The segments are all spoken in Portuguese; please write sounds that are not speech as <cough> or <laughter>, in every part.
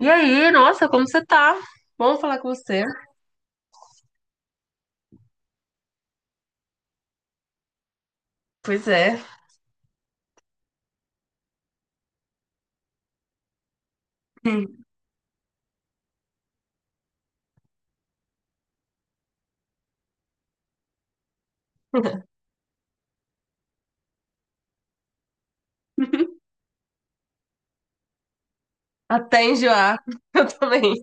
E aí, nossa, como você tá? Bom falar com você. Pois é. <laughs> Hum. Até enjoar. <laughs> Eu também.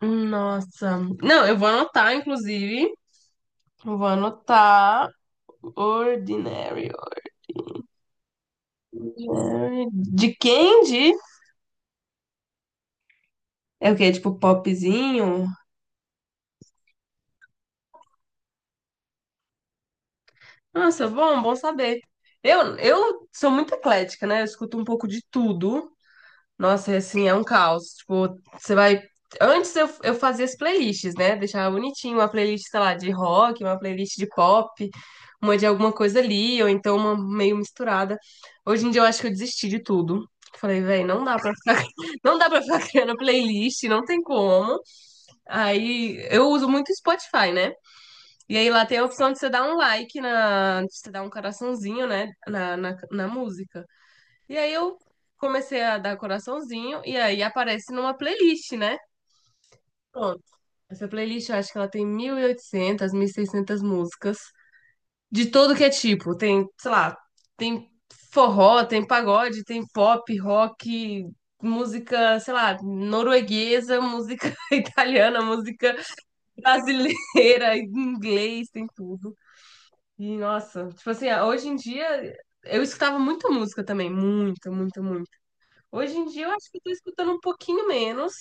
Nossa. Não, eu vou anotar, inclusive. Eu vou anotar Ordinary. Ordinary. De quem? De... É o quê? Tipo popzinho? Nossa, bom, bom saber. Eu sou muito eclética, né? Eu escuto um pouco de tudo. Nossa, é assim, é um caos. Tipo, você vai. Antes eu fazia as playlists, né? Deixava bonitinho uma playlist, sei lá, de rock, uma playlist de pop, uma de alguma coisa ali, ou então uma meio misturada. Hoje em dia eu acho que eu desisti de tudo. Falei, velho, não dá pra ficar, <laughs> não dá pra ficar criando playlist, não tem como. Aí eu uso muito o Spotify, né? E aí lá tem a opção de você dar um like na, de você dar um coraçãozinho, né, na música. E aí eu comecei a dar coraçãozinho e aí aparece numa playlist, né? Pronto. Essa playlist eu acho que ela tem mil mil e oitocentas mil e seiscentas músicas de todo que é tipo. Tem, sei lá, tem forró, tem pagode, tem pop, rock, música, sei lá, norueguesa, música <laughs> italiana, música brasileira, <laughs> inglês, tem tudo. E nossa, tipo assim, hoje em dia eu escutava muita música também, muita, muita, muita. Hoje em dia eu acho que eu tô escutando um pouquinho menos,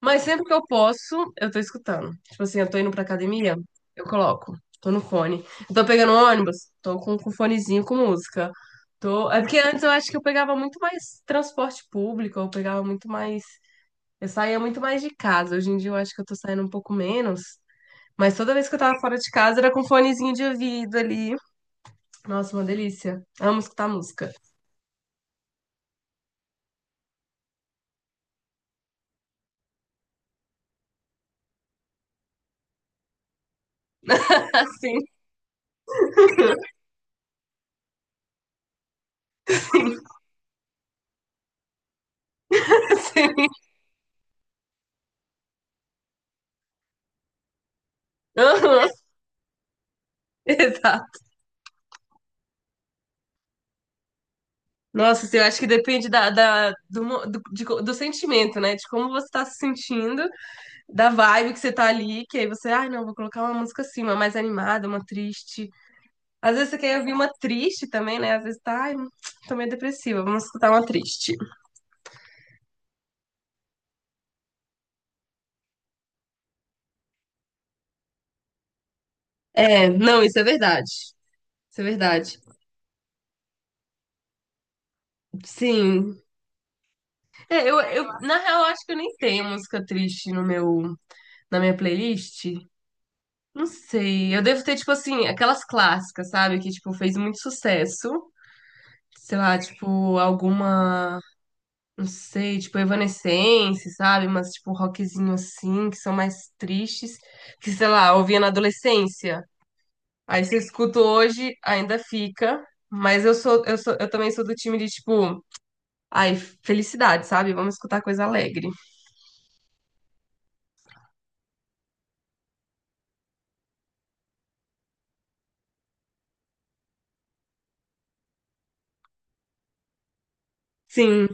mas sempre que eu posso, eu tô escutando. Tipo assim, eu tô indo pra academia, eu coloco, tô no fone. Eu tô pegando um ônibus, tô com fonezinho com música. Tô... É porque antes eu acho que eu pegava muito mais transporte público, eu pegava muito mais. Eu saía muito mais de casa. Hoje em dia eu acho que eu tô saindo um pouco menos. Mas toda vez que eu tava fora de casa era com fonezinho de ouvido ali. Nossa, uma delícia. Amo escutar música. <laughs> Assim, sim, sim. <laughs> Aham, exato. Nossa, assim, eu acho que depende da, da- do, mo- do, de co- do sentimento, né? De como você tá se sentindo, da vibe que você tá ali, que aí você, ai, não, vou colocar uma música assim, uma mais animada, uma triste. Às vezes você quer ouvir uma triste também, né? Às vezes tá, ai, tô meio depressiva, vamos escutar uma triste. É, não, isso é verdade. Isso é verdade. Sim. É, na real, eu acho que eu nem tenho música triste no na minha playlist. Não sei. Eu devo ter, tipo assim, aquelas clássicas, sabe? Que, tipo, fez muito sucesso. Sei lá, tipo, alguma, não sei, tipo Evanescence, sabe? Mas tipo rockzinho assim, que são mais tristes, que sei lá, eu ouvia na adolescência. Aí se escuta hoje, ainda fica, mas eu também sou do time de tipo, ai, felicidade, sabe? Vamos escutar coisa alegre. Sim.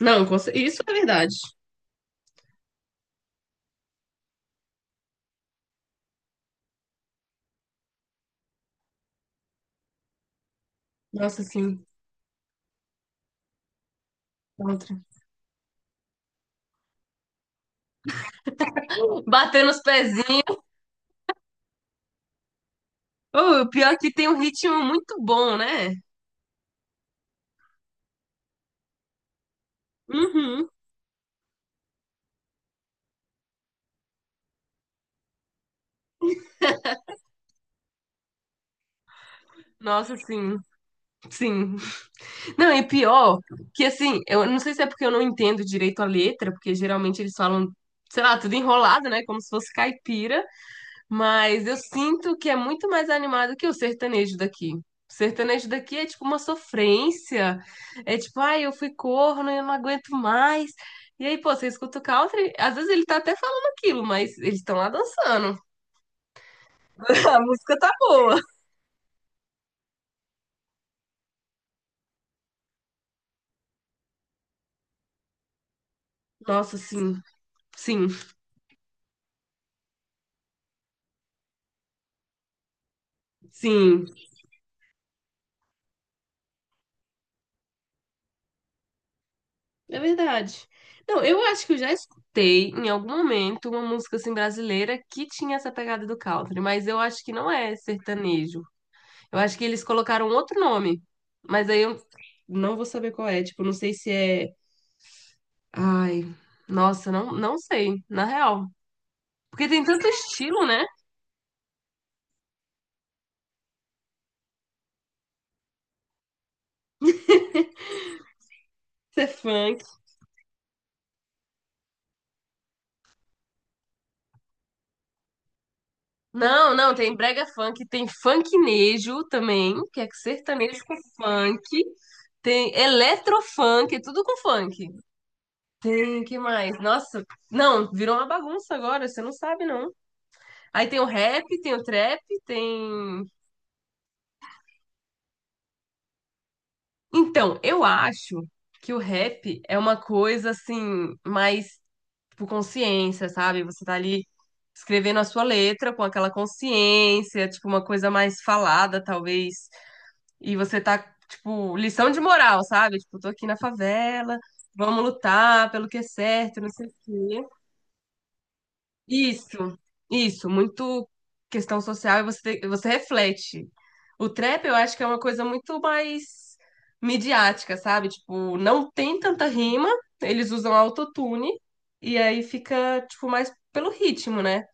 Não, com cer- isso é verdade. Nossa, sim. Outra. Batendo os pezinhos. Oh, o pior é que tem um ritmo muito bom, né? Uhum. Nossa, sim. Sim, não, e pior, que assim, eu não sei se é porque eu não entendo direito a letra, porque geralmente eles falam, sei lá, tudo enrolado, né? Como se fosse caipira, mas eu sinto que é muito mais animado que o sertanejo daqui. O sertanejo daqui é tipo uma sofrência. É tipo, ai, eu fui corno, eu não aguento mais. E aí, pô, você escuta o country, às vezes ele tá até falando aquilo, mas eles estão lá dançando. <laughs> A música tá boa. Nossa, sim, sim, sim. É verdade. Não, eu acho que eu já escutei em algum momento uma música assim brasileira que tinha essa pegada do country, mas eu acho que não é sertanejo. Eu acho que eles colocaram um outro nome, mas aí eu não vou saber qual é. Tipo, não sei se é. Ai, nossa, não, não sei, na real. Porque tem tanto estilo, né? Ser funk. Não, não, tem brega funk, tem funknejo também, que é sertanejo com funk, tem eletrofunk, é tudo com funk. Tem, que mais? Nossa, não, virou uma bagunça agora, você não sabe, não. Aí tem o rap, tem o trap, tem. Então, eu acho que o rap é uma coisa assim, mais tipo consciência, sabe? Você tá ali escrevendo a sua letra com aquela consciência, tipo, uma coisa mais falada, talvez. E você tá, tipo, lição de moral, sabe? Tipo, tô aqui na favela, vamos lutar pelo que é certo, não sei o quê. Isso, isso, muito questão social e você, te- você reflete. O trap eu acho que é uma coisa muito mais midiática, sabe? Tipo, não tem tanta rima, eles usam autotune e aí fica, tipo, mais pelo ritmo, né?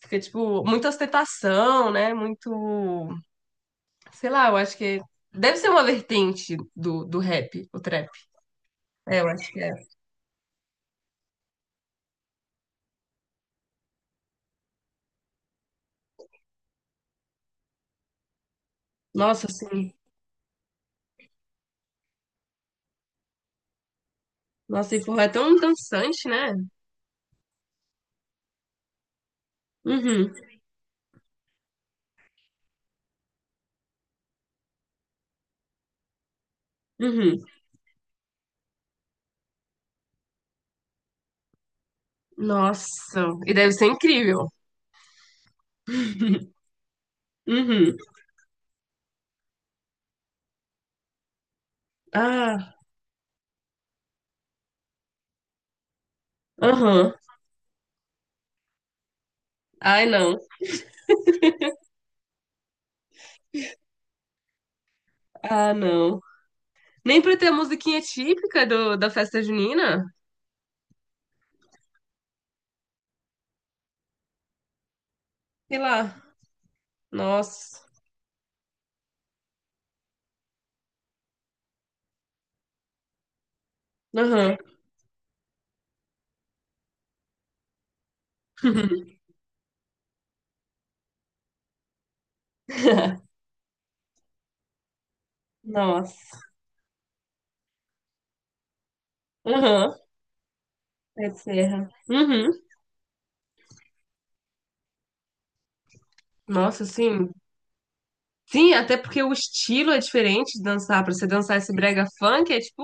Fica, tipo, muita ostentação, né? Muito, sei lá, eu acho que deve ser uma vertente do rap, o trap. É, eu acho que é. Nossa, assim, nossa, e porra, é tão dançante, né? Uhum, uhum. Nossa, e deve ser incrível. Uhum. Ah, aham. Ai, não. Ah, não. Nem pra ter a musiquinha típica do, da festa junina? Sei lá. Nossa. Aham. Nossa. Aham. Pé de serra. Uhum. Nossa, sim. Sim, até porque o estilo é diferente de dançar. Pra você dançar esse brega funk é tipo,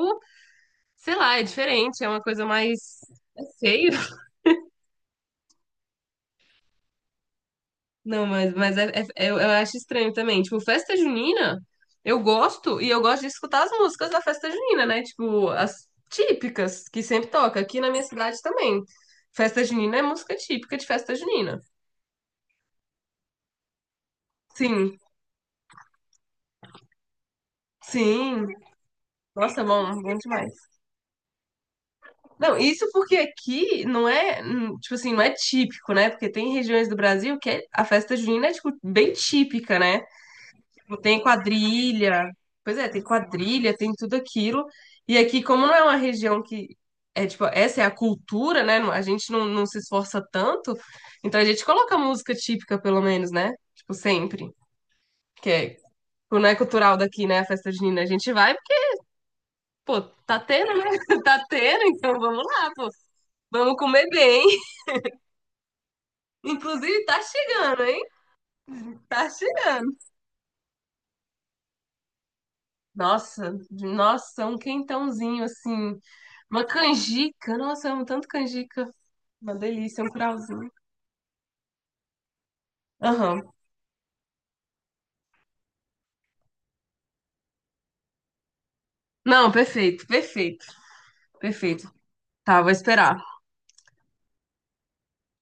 sei lá, é diferente. É uma coisa mais. É feio. Não, mas é, é- eu acho estranho também. Tipo, festa junina, eu gosto e eu gosto de escutar as músicas da festa junina, né? Tipo, as típicas que sempre toca. Aqui na minha cidade também. Festa junina é música típica de festa junina. Sim, sim. Nossa, bom, bom demais. Não, isso porque aqui não é, tipo assim, não é típico, né? Porque tem regiões do Brasil que é- a festa junina é, tipo, bem típica, né? Tipo, tem quadrilha. Pois é, tem quadrilha, tem tudo aquilo. E aqui, como não é uma região que é tipo, essa é a cultura, né? A gente não se esforça tanto, então a gente coloca música típica, pelo menos, né? Tipo, sempre. Que é, tipo, não é cultural daqui, né? A festa junina. A gente vai, porque, pô, tá tendo, né? <laughs> Tá tendo, então vamos lá, pô. Vamos comer bem. <laughs> Inclusive, tá chegando, hein? Tá chegando. Nossa, nossa, é um quentãozinho assim. Uma canjica. Nossa, eu amo tanto canjica. Uma delícia, um curauzinho. Aham. Não, perfeito, perfeito, perfeito. Tá, vou esperar.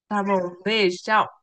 Tá bom. Beijo, tchau.